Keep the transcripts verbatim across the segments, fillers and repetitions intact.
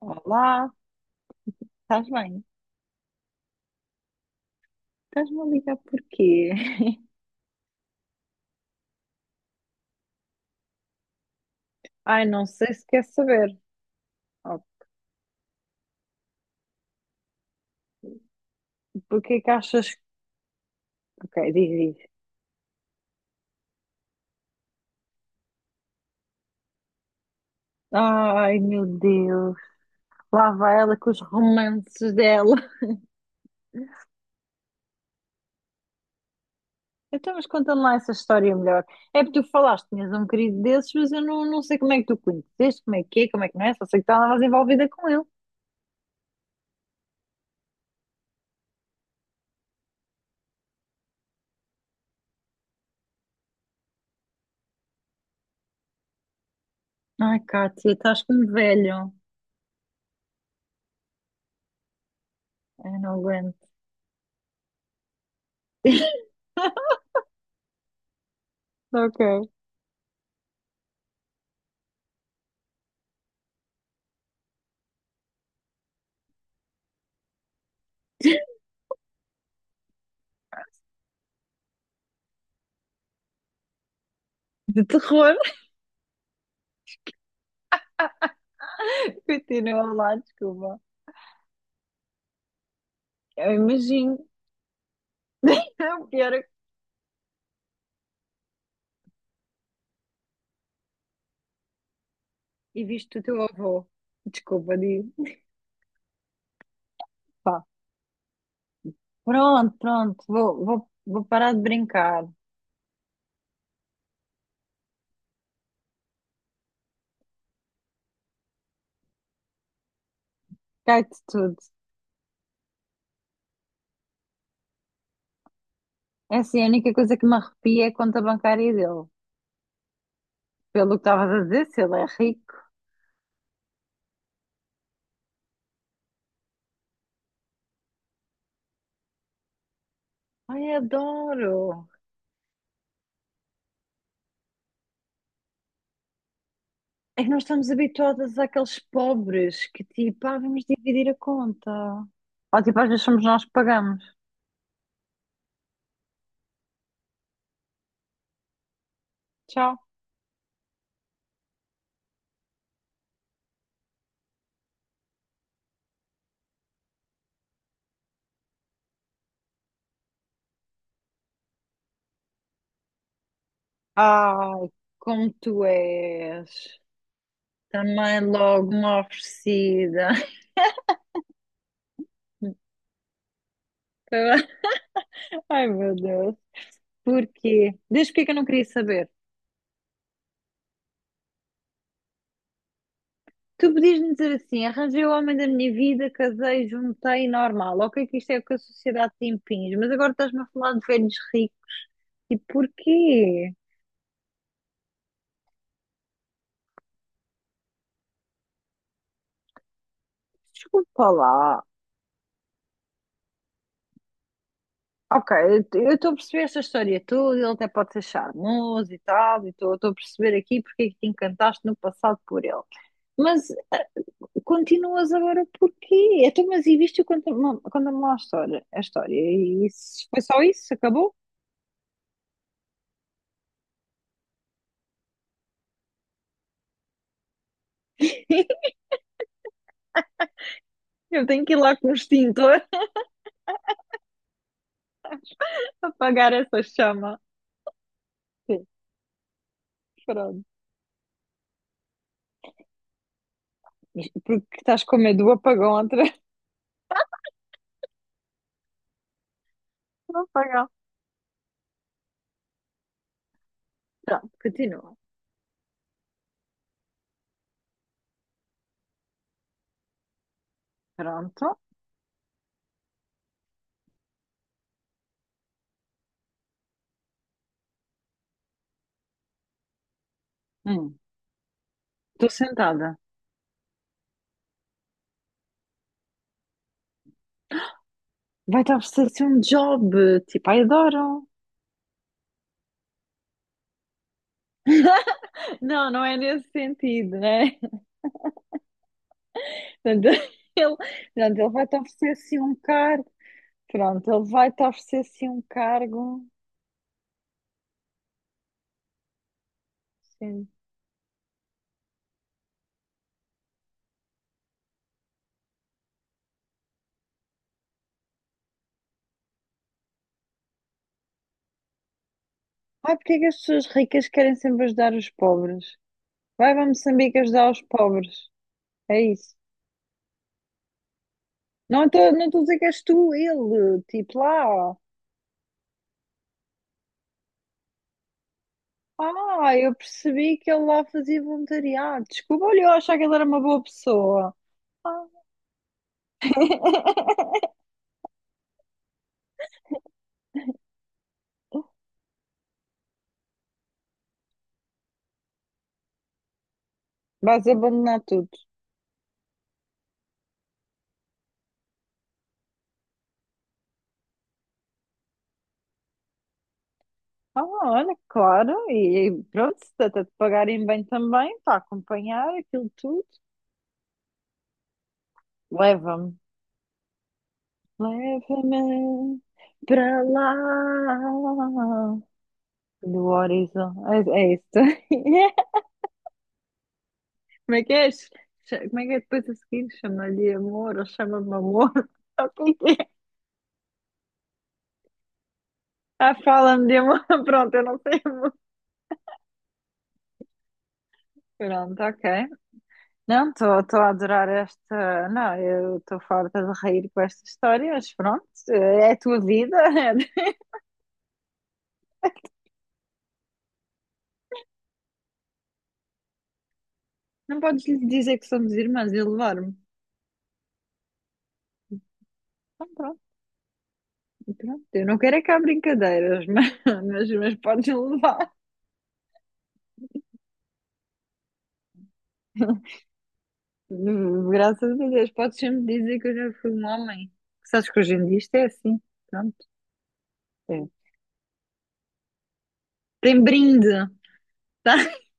Olá, estás bem? Estás-me a ligar porquê? Ai, não sei se quer saber. Oh, porque é que achas que. Ok, diz, diz. Ai, meu Deus, lá vai ela com os romances dela. Então, mas conta-me lá essa história melhor. É porque tu falaste, tinhas um querido desses, mas eu não, não sei como é que tu o conheceste, como é que é, como é que não é, só sei que estavas envolvida com ele. Ai, Kátia, estás como velho. Ai, não aguento. Ok. De terror. Continua lá, desculpa. Eu imagino. É o pior. é que- E viste o teu avô. Desculpa, digo. Pá, Pronto, pronto. Vou, vou, vou parar de brincar. Cai-te tudo. É assim, a única coisa que me arrepia é a conta bancária dele. Pelo que estavas a dizer, se ele é rico. Ai, adoro. É que nós estamos habituadas àqueles pobres que tipo, ah, vamos dividir a conta. Ou tipo, às vezes somos nós que pagamos. Tchau. Ai, como tu és. Também logo uma oferecida. Ai, meu Deus. Porquê? Desde porque é que eu não queria saber? Tu podias-me dizer assim, arranjei o homem da minha vida, casei, juntei, normal. Ok, que isto é o que a sociedade te impinge, mas agora estás-me a falar de velhos ricos. E porquê? Desculpa lá. Ok, eu estou a perceber esta história toda, ele até pode ser charmoso e tal, e estou a perceber aqui porque é que te encantaste no passado por ele. Mas Continuas agora porquê? Então, mas e viste quando me lá a história? A história. E isso, foi só isso? Acabou? Eu tenho que ir lá com o extintor apagar essa chama. Sim, pronto. Isto Porque estás com medo do apagão outra vez. Do apagão. Pronto, continua. Pronto. Hum, Estou sentada. Vai te oferecer um job. Tipo, ai, adoro. Não, não é nesse sentido, né? Portanto, ele, portanto, ele vai te oferecer assim um cargo. Pronto, ele vai-te oferecer assim um cargo. Sim. Ai, porque é que as pessoas ricas querem sempre ajudar os pobres? Vai para Moçambique ajudar os pobres. É isso. Não estou não estou a dizer que és tu, ele. Tipo lá. Ah, eu percebi que ele lá fazia voluntariado. Desculpa, olha, eu achava que ele era uma boa pessoa. Ah, vais abandonar tudo. Ah, olha, claro. E, e pronto, se trata de pagarem bem também, para acompanhar aquilo tudo, leva-me. Leva-me para lá do horizonte. É, é isso. Como é que é? Cha- Como é que é depois a seguir? Chama-lhe amor ou chama-me amor? O que é que é? Ah, fala-me de amor. Pronto, eu não sei amor. Pronto, ok. Não, estou a adorar esta. Não, eu estou farta de rir com esta história, mas pronto, é a tua vida. Não podes lhe dizer que somos irmãs e levar-me. Então, pronto. E pronto, eu não quero é que há brincadeiras, mas, mas, mas podes levar. Graças a Deus, podes sempre dizer que eu já fui um homem. Sabes que hoje em dia isto é assim. Pronto, é. Tem brinde, tá?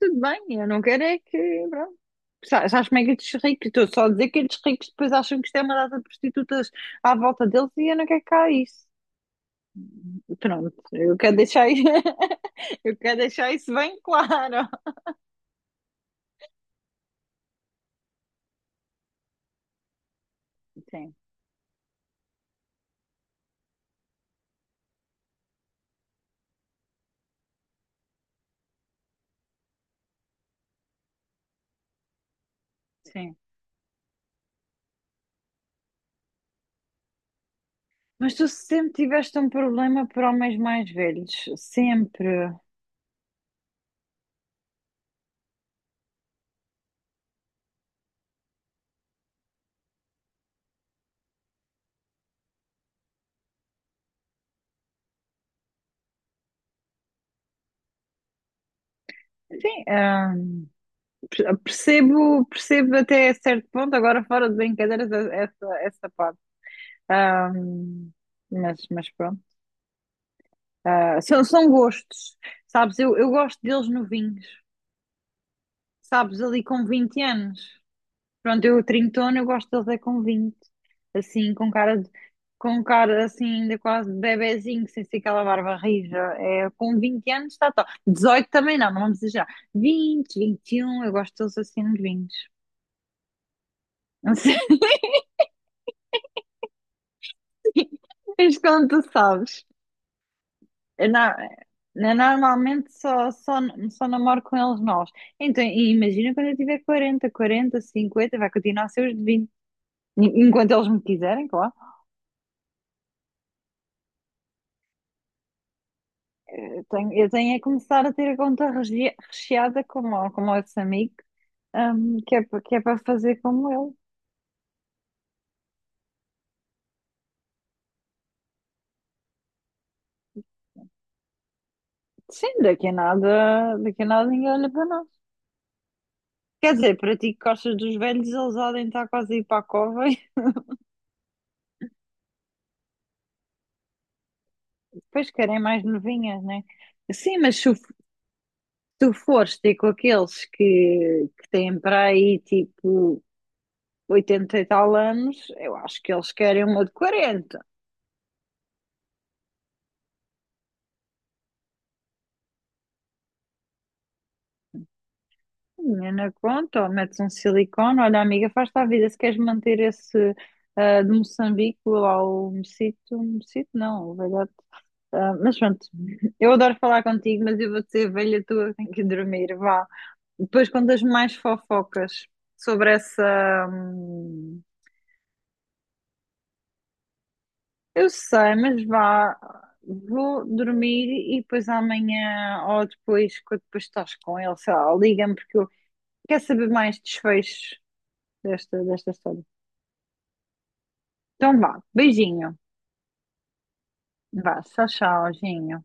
Tudo bem, eu não quero é que. Pronto. Sa- Sabes como é que estes ricos? Estou só a dizer que estes ricos depois acham que isto é uma data de prostitutas à volta deles e eu não quero cá isso. Pronto, eu quero deixar isso, eu quero deixar isso bem claro. Sim, sim. Mas tu sempre tiveste um problema para homens mais velhos, sempre. Sim, ah, per- percebo, percebo até certo ponto, agora fora de brincadeiras, a- essa, essa parte. Ah, mas, mas pronto. Ah, são, são gostos, sabes? Eu, eu gosto deles novinhos, sabes? Ali com vinte anos. Pronto, eu trintona eu gosto deles é com vinte assim, com cara de, com cara assim, ainda quase de bebezinho, sem ser aquela barba rija. É, com vinte anos está top. dezoito também não, não vamos exagerar. vinte, vinte e um eu gosto deles assim nos vinte. Não sei mas como tu sabes. Eu, na- eu normalmente só, só, só namoro com eles novos. Então, e imagina quando eu tiver quarenta quarenta cinquenta vai continuar a ser os de vinte. En- Enquanto eles me quiserem, claro. Eu tenho, eu tenho é que começar a ter a conta reche- recheada como, o- como esse amigo, hum, que é, pa- que é para fazer como ele. Sim, daqui a nada, daqui a nada ninguém olha para nós. Quer dizer, para ti que gostas dos velhos, eles podem estar quase a ir para a cova e depois querem mais novinhas, né? Sim, mas se f- tu fores ter com aqueles que, que têm para aí tipo oitenta e tal anos, eu acho que eles querem uma de quarenta. Menina, conta, ou metes um silicone, olha, amiga, faz-te a vida. Se queres manter esse ah, de Moçambique lá o Mocito, Mocito não, o velhote. ah, mas pronto, eu adoro falar contigo, mas eu vou ser velha tua, tenho que dormir, vá. Depois contas mais fofocas sobre essa. hum, eu sei, mas vá, vou dormir e depois amanhã ou depois, quando depois estás com ele, sei lá, liga-me porque eu quero saber mais desfechos desta, desta história. Então vá. Beijinho. Vá. Tchau, tchau, Ginho.